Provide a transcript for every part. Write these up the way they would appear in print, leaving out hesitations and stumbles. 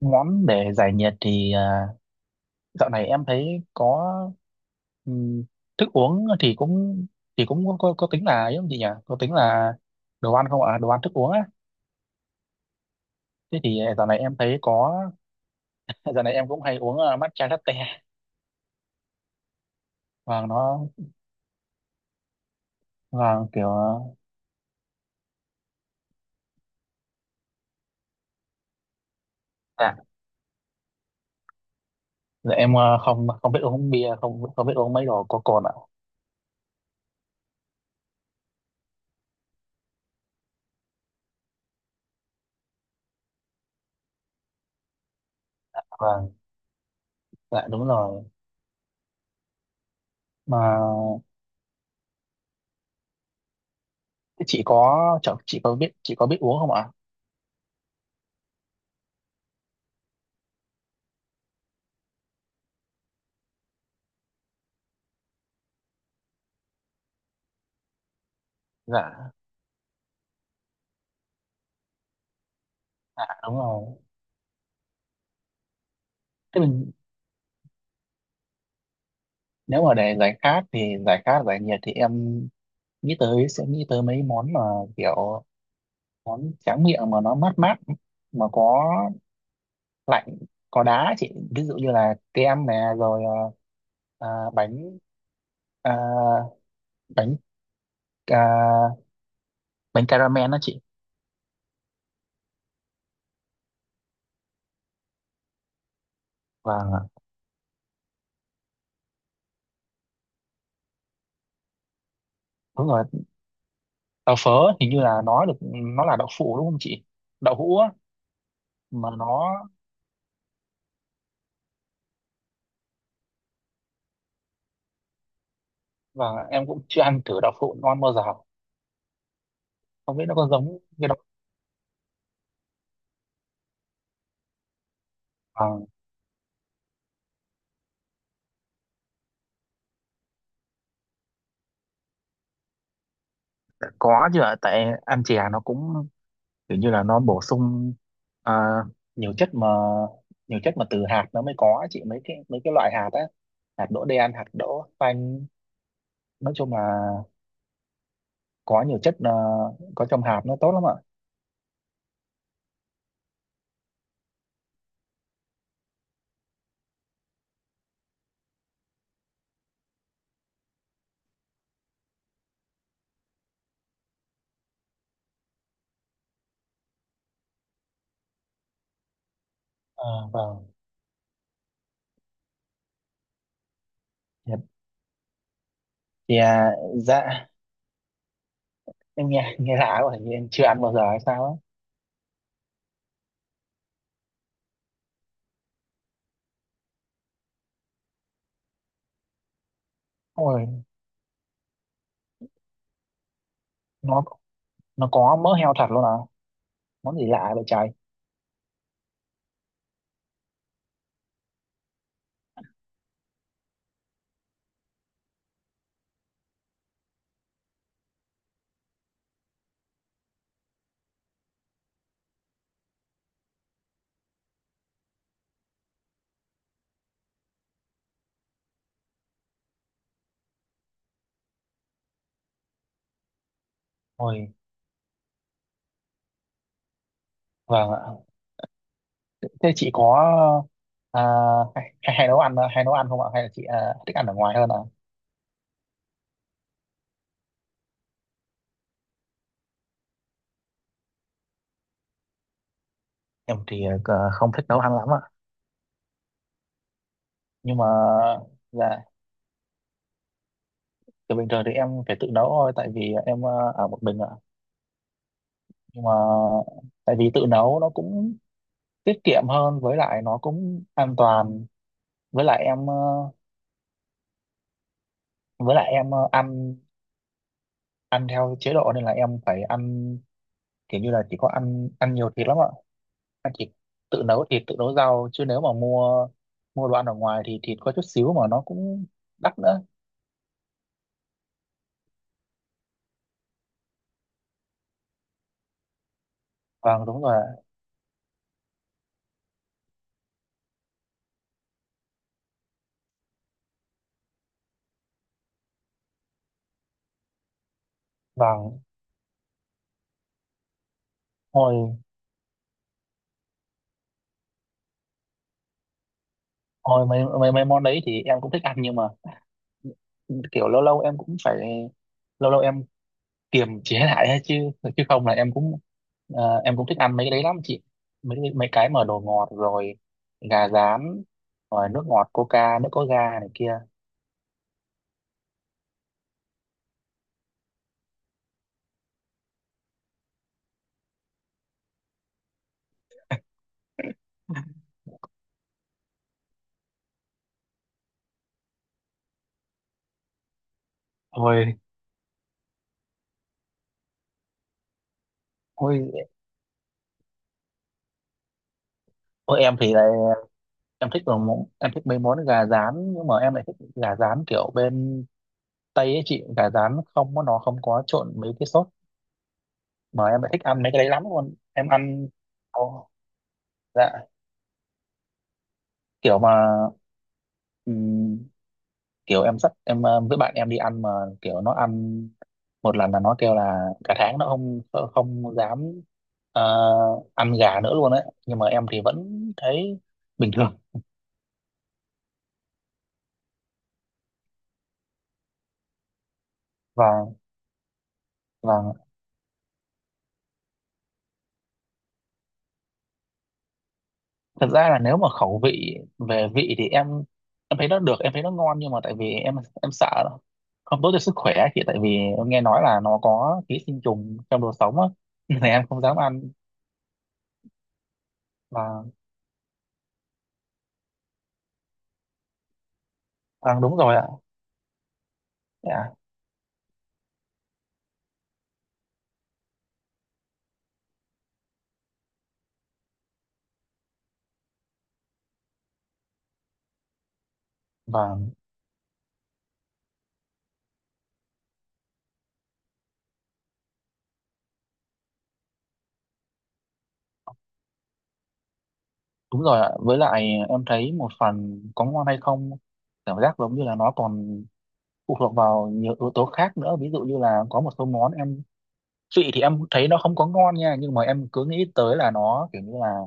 Ngắm để giải nhiệt thì dạo này em thấy có ừm, thức uống thì cũng có tính là ấy không chị nhỉ? Có tính là đồ ăn không ạ? Đồ ăn thức uống á. Thế thì dạo này em cũng hay uống matcha latte. Và nó và kiểu uh, dạ dạ em, không không biết uống bia, không không biết uống mấy đồ có cồn ạ. Vâng, dạ đúng rồi. Mà thế chị có biết uống không ạ? Dạ, dạ đúng rồi. Thế mình Nếu mà để giải khát giải nhiệt thì em nghĩ tới sẽ nghĩ tới mấy món mà kiểu món tráng miệng mà nó mát mát, mà có lạnh, có đá chị, ví dụ như là kem nè, rồi ờ, à, bánh à, bánh à, bánh caramel đó chị. và Đúng rồi, đậu phớ hình như là nó được, nó là đậu phụ đúng không chị, đậu hũ á. Mà nó và Em cũng chưa ăn thử đậu phụ non bao giờ, không biết nó có giống cái đậu à, có chứ ạ, tại ăn chè nó cũng kiểu như là nó bổ sung à, nhiều chất mà, từ hạt nó mới có chị, mấy cái, loại hạt á, hạt đỗ đen, hạt đỗ xanh. Nói chung là có nhiều chất có trong hạt nó tốt lắm ạ. À, vâng. Dạ- thì à, dạ em nghe nghe lạ quá, hình như em chưa ăn bao giờ hay sao á. Ôi, nó nó có mỡ heo thật luôn à? Món gì lạ vậy trời! Ôi, vâng ạ. Thế chị có à, hay nấu ăn không ạ, hay là chị thích ăn ở ngoài hơn ạ? Em thì không thích nấu ăn lắm ạ. Nhưng mà dạ từ bình thường thì em phải tự nấu thôi, tại vì em ở một mình ạ. Nhưng mà tại vì tự nấu nó cũng tiết kiệm hơn, với lại nó cũng an toàn. Với lại em ờ, với lại em ăn ăn theo chế độ nên là em phải ăn kiểu như là chỉ có ăn ăn nhiều thịt lắm ạ, ăn chỉ tự nấu thịt, tự nấu rau, chứ nếu mà mua mua đồ ăn ở ngoài thì thịt có chút xíu mà nó cũng đắt nữa. Vâng đúng rồi ạ. Vâng, thôi. Ôi, mấy, mấy mấy món đấy thì em cũng thích ăn, nhưng mà kiểu lâu lâu em cũng phải lâu lâu em kiềm chế lại ấy chứ chứ không là em cũng thích ăn mấy cái đấy lắm chị, mấy mấy cái mà đồ ngọt, rồi gà rán, rồi nước ngọt coca, nước có ga này kia. Ôi, ôi, ôi, em thì lại em thích đồ món em thích mấy món gà rán, nhưng mà em lại thích gà rán kiểu bên Tây ấy chị, gà rán không có- nó không có trộn mấy cái sốt, mà em lại thích ăn mấy cái đấy lắm luôn em ăn Ồ, dạ, kiểu mà ừm, kiểu em dắt em với bạn em đi ăn mà kiểu nó ăn một lần là nó kêu là cả tháng nó không không dám ờ, ăn gà nữa luôn đấy, nhưng mà em thì vẫn thấy bình thường. Và và thật ra là nếu mà khẩu vị về vị thì em thấy nó được, em thấy nó ngon, nhưng mà tại vì em sợ nó không tốt cho sức khỏe chị, tại vì em nghe nói là nó có ký sinh trùng trong đồ sống á nên là em không dám ăn. Và ăn đúng rồi ạ. Dạ. và Đúng rồi ạ, với lại em thấy một phần có ngon hay không cảm giác giống như là nó còn phụ thuộc vào nhiều yếu tố khác nữa, ví dụ như là có một số món chị thì em thấy nó không có ngon nha, nhưng mà em cứ nghĩ tới là nó kiểu như là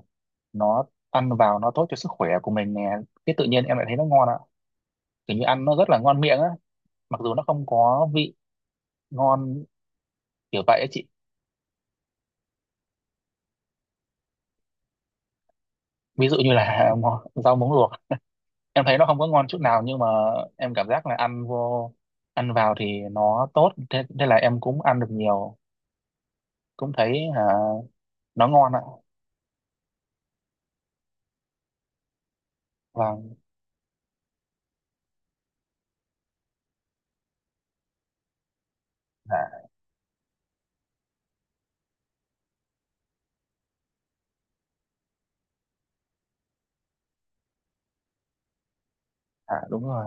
nó ăn vào nó tốt cho sức khỏe của mình nè, cái tự nhiên em lại thấy nó ngon ạ. Kiểu như ăn nó rất là ngon miệng á, mặc dù nó không có vị ngon kiểu vậy á chị. Ví dụ như là rau muống luộc, em thấy nó không có ngon chút nào, nhưng mà em cảm giác là ăn vào thì nó tốt, thế là em cũng ăn được nhiều, cũng thấy hả, nó ngon ạ. Và dạ, dạ, đúng rồi.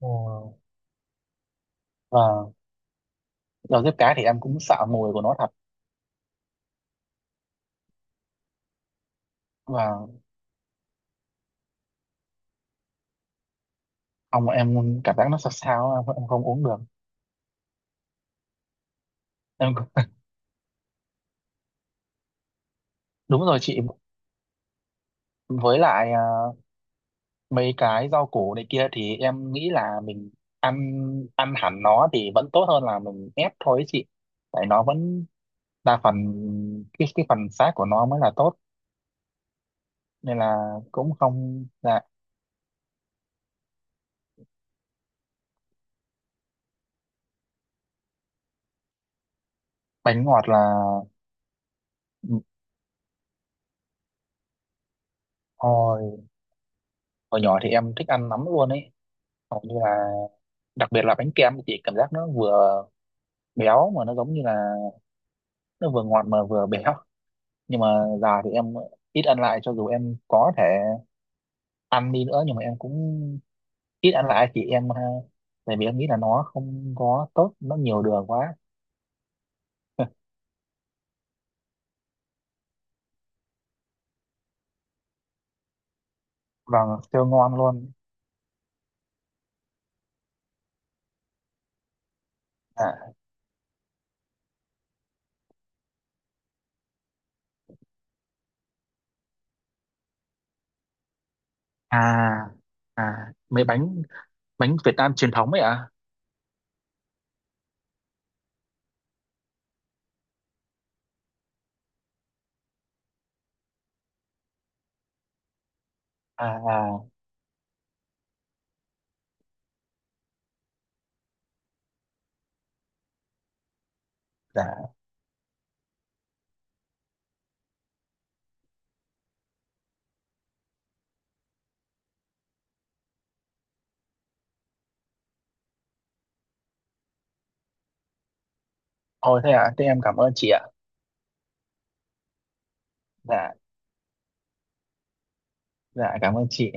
Ừ. và rau diếp cá thì em cũng sợ mùi của nó thật. Và ông em cảm giác nó sao sao, em không uống được. em cũng- Đúng rồi chị, với lại mấy cái rau củ này kia thì em nghĩ là mình ăn ăn hẳn nó thì vẫn tốt hơn là mình ép thôi ấy chị, tại nó vẫn đa phần cái phần xác của nó mới là tốt, nên là cũng không là. Bánh ngọt là. Ừ, hồi hồi nhỏ thì em thích ăn lắm luôn ấy, hầu như là đặc biệt là bánh kem thì cảm giác nó vừa béo mà nó giống như là nó vừa ngọt mà vừa béo. Nhưng mà giờ thì em ít ăn lại, cho dù em có thể ăn đi nữa nhưng mà em cũng ít ăn lại chị em tại vì em nghĩ là nó không có tốt, nó nhiều đường quá vâng siêu ngon luôn. À à à mấy bánh bánh Việt Nam truyền thống ấy ạ. À à à, dạ. Ôi thế ạ, thế em cảm ơn chị ạ. Dạ, dạ cảm ơn chị.